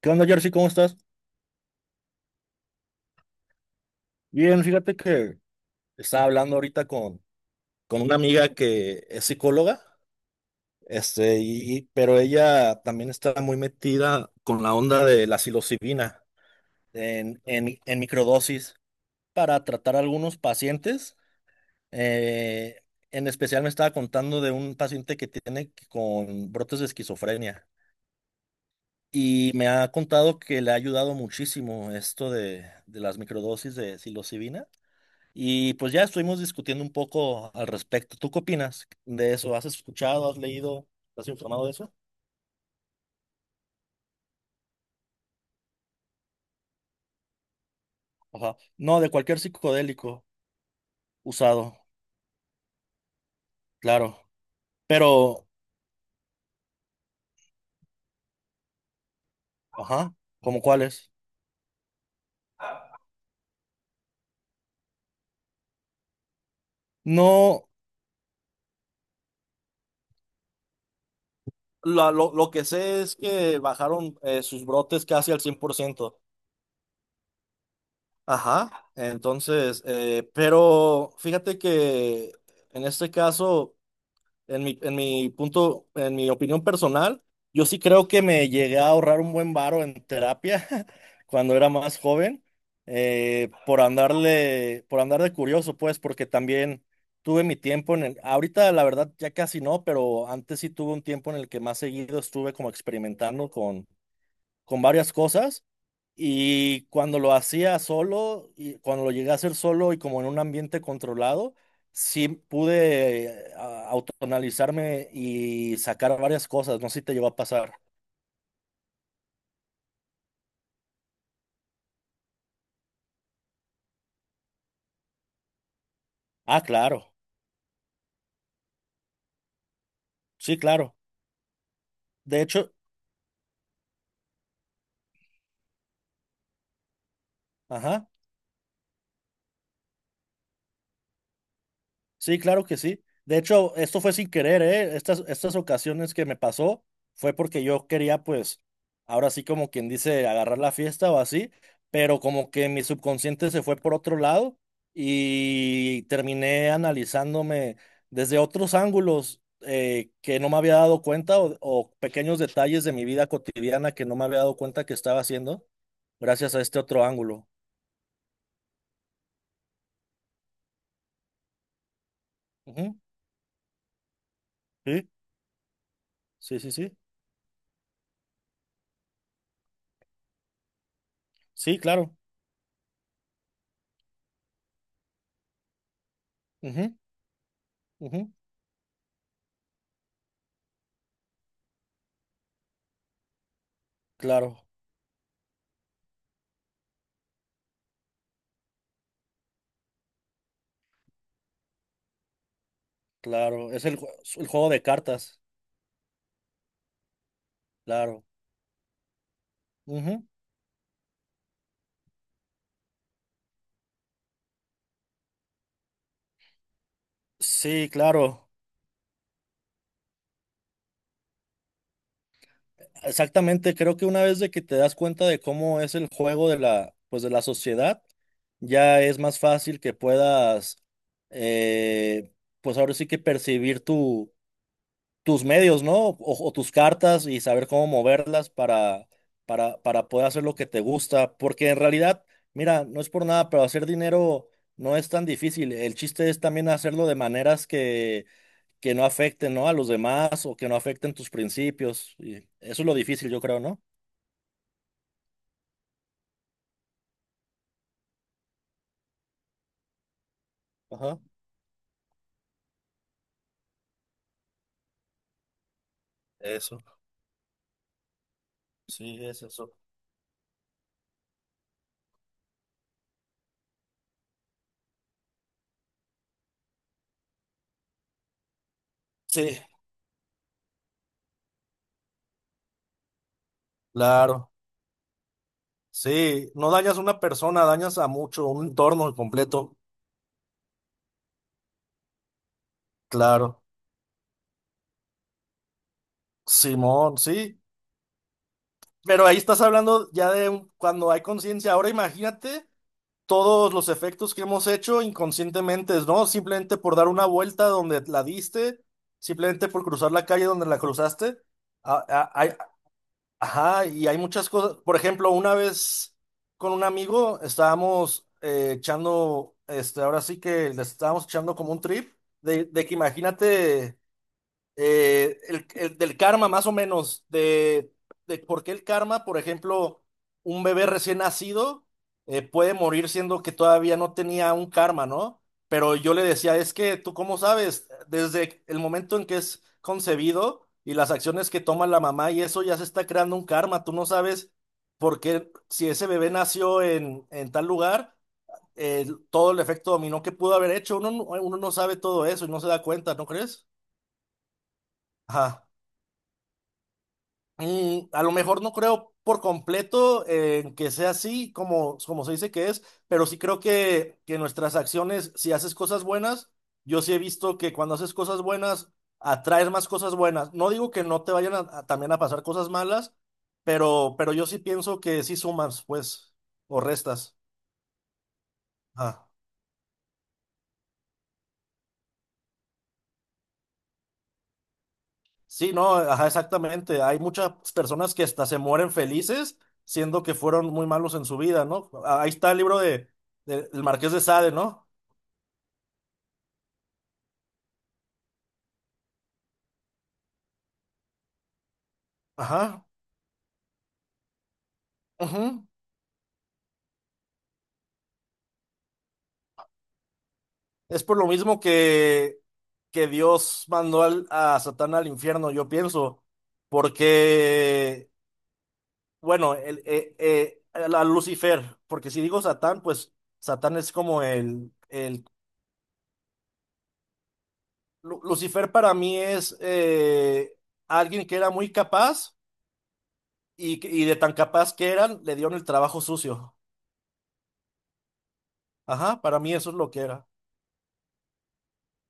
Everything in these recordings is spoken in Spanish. ¿Qué onda, Jersey? ¿Cómo estás? Bien, fíjate que estaba hablando ahorita con una amiga que es psicóloga, pero ella también está muy metida con la onda de la psilocibina en microdosis para tratar algunos pacientes. Eh, en especial me estaba contando de un paciente que tiene con brotes de esquizofrenia y me ha contado que le ha ayudado muchísimo esto de las microdosis de psilocibina. Y pues ya estuvimos discutiendo un poco al respecto. ¿Tú qué opinas de eso? ¿Has escuchado, has leído, has informado de eso? Ajá. No, de cualquier psicodélico usado, claro. Pero, ajá, ¿cómo cuáles? No, lo que sé es que bajaron sus brotes casi al 100%. Ajá. Entonces, pero fíjate que en este caso... En mi punto, en mi opinión personal, yo sí creo que me llegué a ahorrar un buen varo en terapia cuando era más joven, por andar de curioso, pues, porque también tuve mi tiempo en el, ahorita la verdad ya casi no, pero antes sí tuve un tiempo en el que más seguido estuve como experimentando con varias cosas y cuando lo llegué a hacer solo y como en un ambiente controlado, sí pude autoanalizarme y sacar varias cosas. No sé si te llegó a pasar. Ah, claro. Sí, claro. De hecho, ajá. Sí, claro que sí. De hecho, esto fue sin querer, ¿eh? Estas ocasiones que me pasó fue porque yo quería, pues, ahora sí como quien dice, agarrar la fiesta o así, pero como que mi subconsciente se fue por otro lado y terminé analizándome desde otros ángulos que no me había dado cuenta o pequeños detalles de mi vida cotidiana que no me había dado cuenta que estaba haciendo gracias a este otro ángulo. Ujú. Sí, sí, sí, sí. Sí, claro. Ujú, ujú, claro. Claro, es el, el juego de cartas, claro. Ujú. Sí, claro. Exactamente, creo que una vez de que te das cuenta de cómo es el juego de la, pues de la sociedad, ya es más fácil que puedas, eh, pues ahora sí que percibir tu, tus medios, ¿no? O tus cartas y saber cómo moverlas para poder hacer lo que te gusta. Porque en realidad, mira, no es por nada, pero hacer dinero no es tan difícil. El chiste es también hacerlo de maneras que no afecten, ¿no?, a los demás o que no afecten tus principios. Y eso es lo difícil, yo creo, ¿no? Ajá. Eso, sí, es eso. Sí, claro. Sí, no dañas a una persona, dañas a mucho, un entorno completo. Claro. Simón, sí. Pero ahí estás hablando ya de un- cuando hay conciencia. Ahora imagínate todos los efectos que hemos hecho inconscientemente, ¿no? Simplemente por dar una vuelta donde la diste, simplemente por cruzar la calle donde la cruzaste. A- a- Hay, Ajá, y hay muchas cosas. Por ejemplo, una vez con un amigo estábamos echando, ahora sí que le estábamos echando como un trip, de que imagínate el del karma, más o menos, de por qué el karma, por ejemplo, un bebé recién nacido puede morir siendo que todavía no tenía un karma, ¿no? Pero yo le decía, es que tú cómo sabes, desde el momento en que es concebido y las acciones que toma la mamá y eso ya se está creando un karma, tú no sabes por qué si ese bebé nació en tal lugar. Todo el efecto dominó que pudo haber hecho, uno, uno no sabe todo eso y no se da cuenta, ¿no crees? Ajá. Mm, a lo mejor no creo por completo que sea así como, como se dice que es, pero sí creo que nuestras acciones, si haces cosas buenas, yo sí he visto que cuando haces cosas buenas, atraes más cosas buenas. No digo que no te vayan a también a pasar cosas malas, pero yo sí pienso que sí sumas, pues, o restas. Ah. Sí, no, ajá, exactamente. Hay muchas personas que hasta se mueren felices siendo que fueron muy malos en su vida, ¿no? Ah, ahí está el libro del Marqués de Sade, ¿no? Ajá. Ujú. Es por lo mismo que Dios mandó a Satán al infierno, yo pienso, porque, bueno, a Lucifer, porque si digo Satán, pues Satán es como el Lucifer. Para mí es alguien que era muy capaz. Y de tan capaz que eran, le dieron el trabajo sucio. Ajá, para mí eso es lo que era.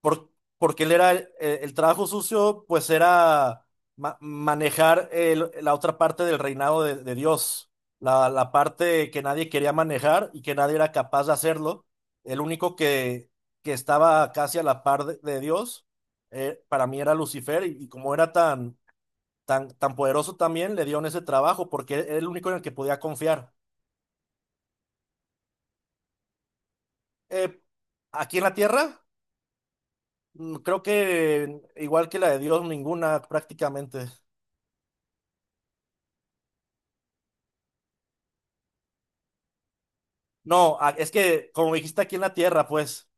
Por- porque él era, el trabajo sucio, pues era manejar la otra parte del reinado de Dios. La parte que nadie quería manejar y que nadie era capaz de hacerlo. El único que estaba casi a la par de Dios, para mí era Lucifer. Y como era tan, tan poderoso también, le dieron ese trabajo porque era el único en el que podía confiar. Eh, Aquí en la Tierra, mm, creo que igual que la de Dios, ninguna prácticamente. No, es que como dijiste aquí en la Tierra, pues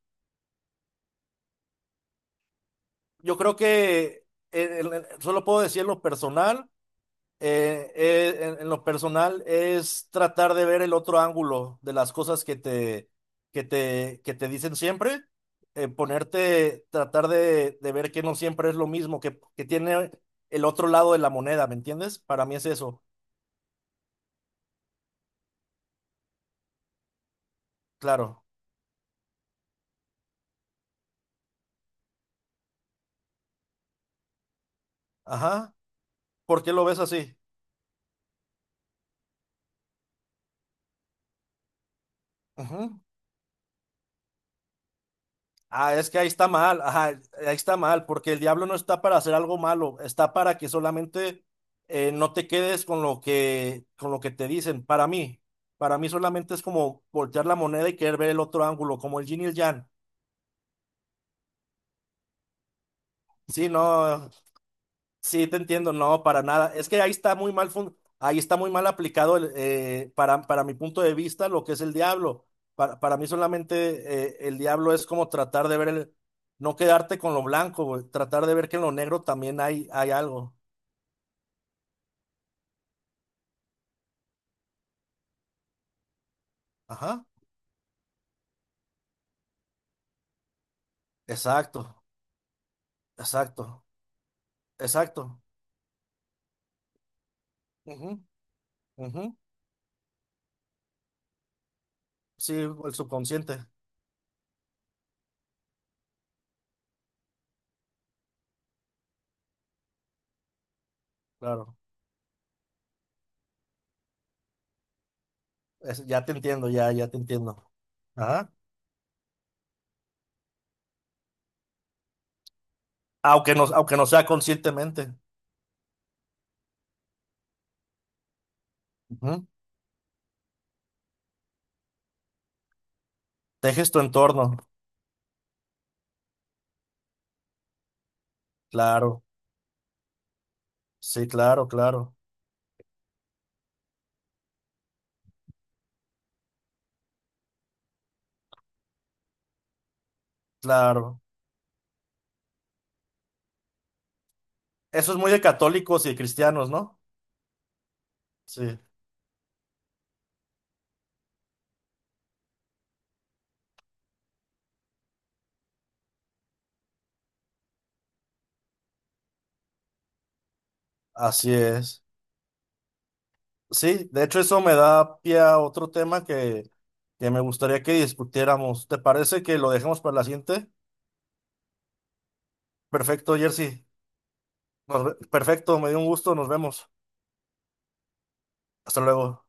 yo creo que solo puedo decir en lo personal, en lo personal es tratar de ver el otro ángulo de las cosas que te dicen siempre, tratar de ver que no siempre es lo mismo, que tiene el otro lado de la moneda, ¿me entiendes? Para mí es eso, claro. Ajá. ¿Por qué lo ves así? Ujú. Ah, es que ahí está mal, ajá, ahí está mal, porque el diablo no está para hacer algo malo, está para que solamente no te quedes con lo con lo que te dicen. Para mí solamente es como voltear la moneda y querer ver el otro ángulo, como el yin y el yang. Sí, no, sí, te entiendo, no, para nada. Es que ahí está muy mal ahí está muy mal aplicado el, para mi punto de vista lo que es el diablo. Para mí solamente el diablo es como tratar de ver el, no quedarte con lo blanco, güey, tratar de ver que en lo negro también hay algo. Ajá. Exacto, exacto, exacto. Ujú, ujú. Sí, el subconsciente, claro. Es- ya te entiendo, ya, ya te entiendo. Ajá. Aunque no sea conscientemente. Ujú. Tejes tu entorno, claro. Sí, claro, claro, claro. Eso es muy de católicos y de cristianos, ¿no? Sí, así es. Sí, de hecho eso me da pie a otro tema que me gustaría que discutiéramos. ¿Te parece que lo dejemos para la siguiente? Perfecto, Jersey. Perfecto, me dio un gusto, nos vemos. Hasta luego.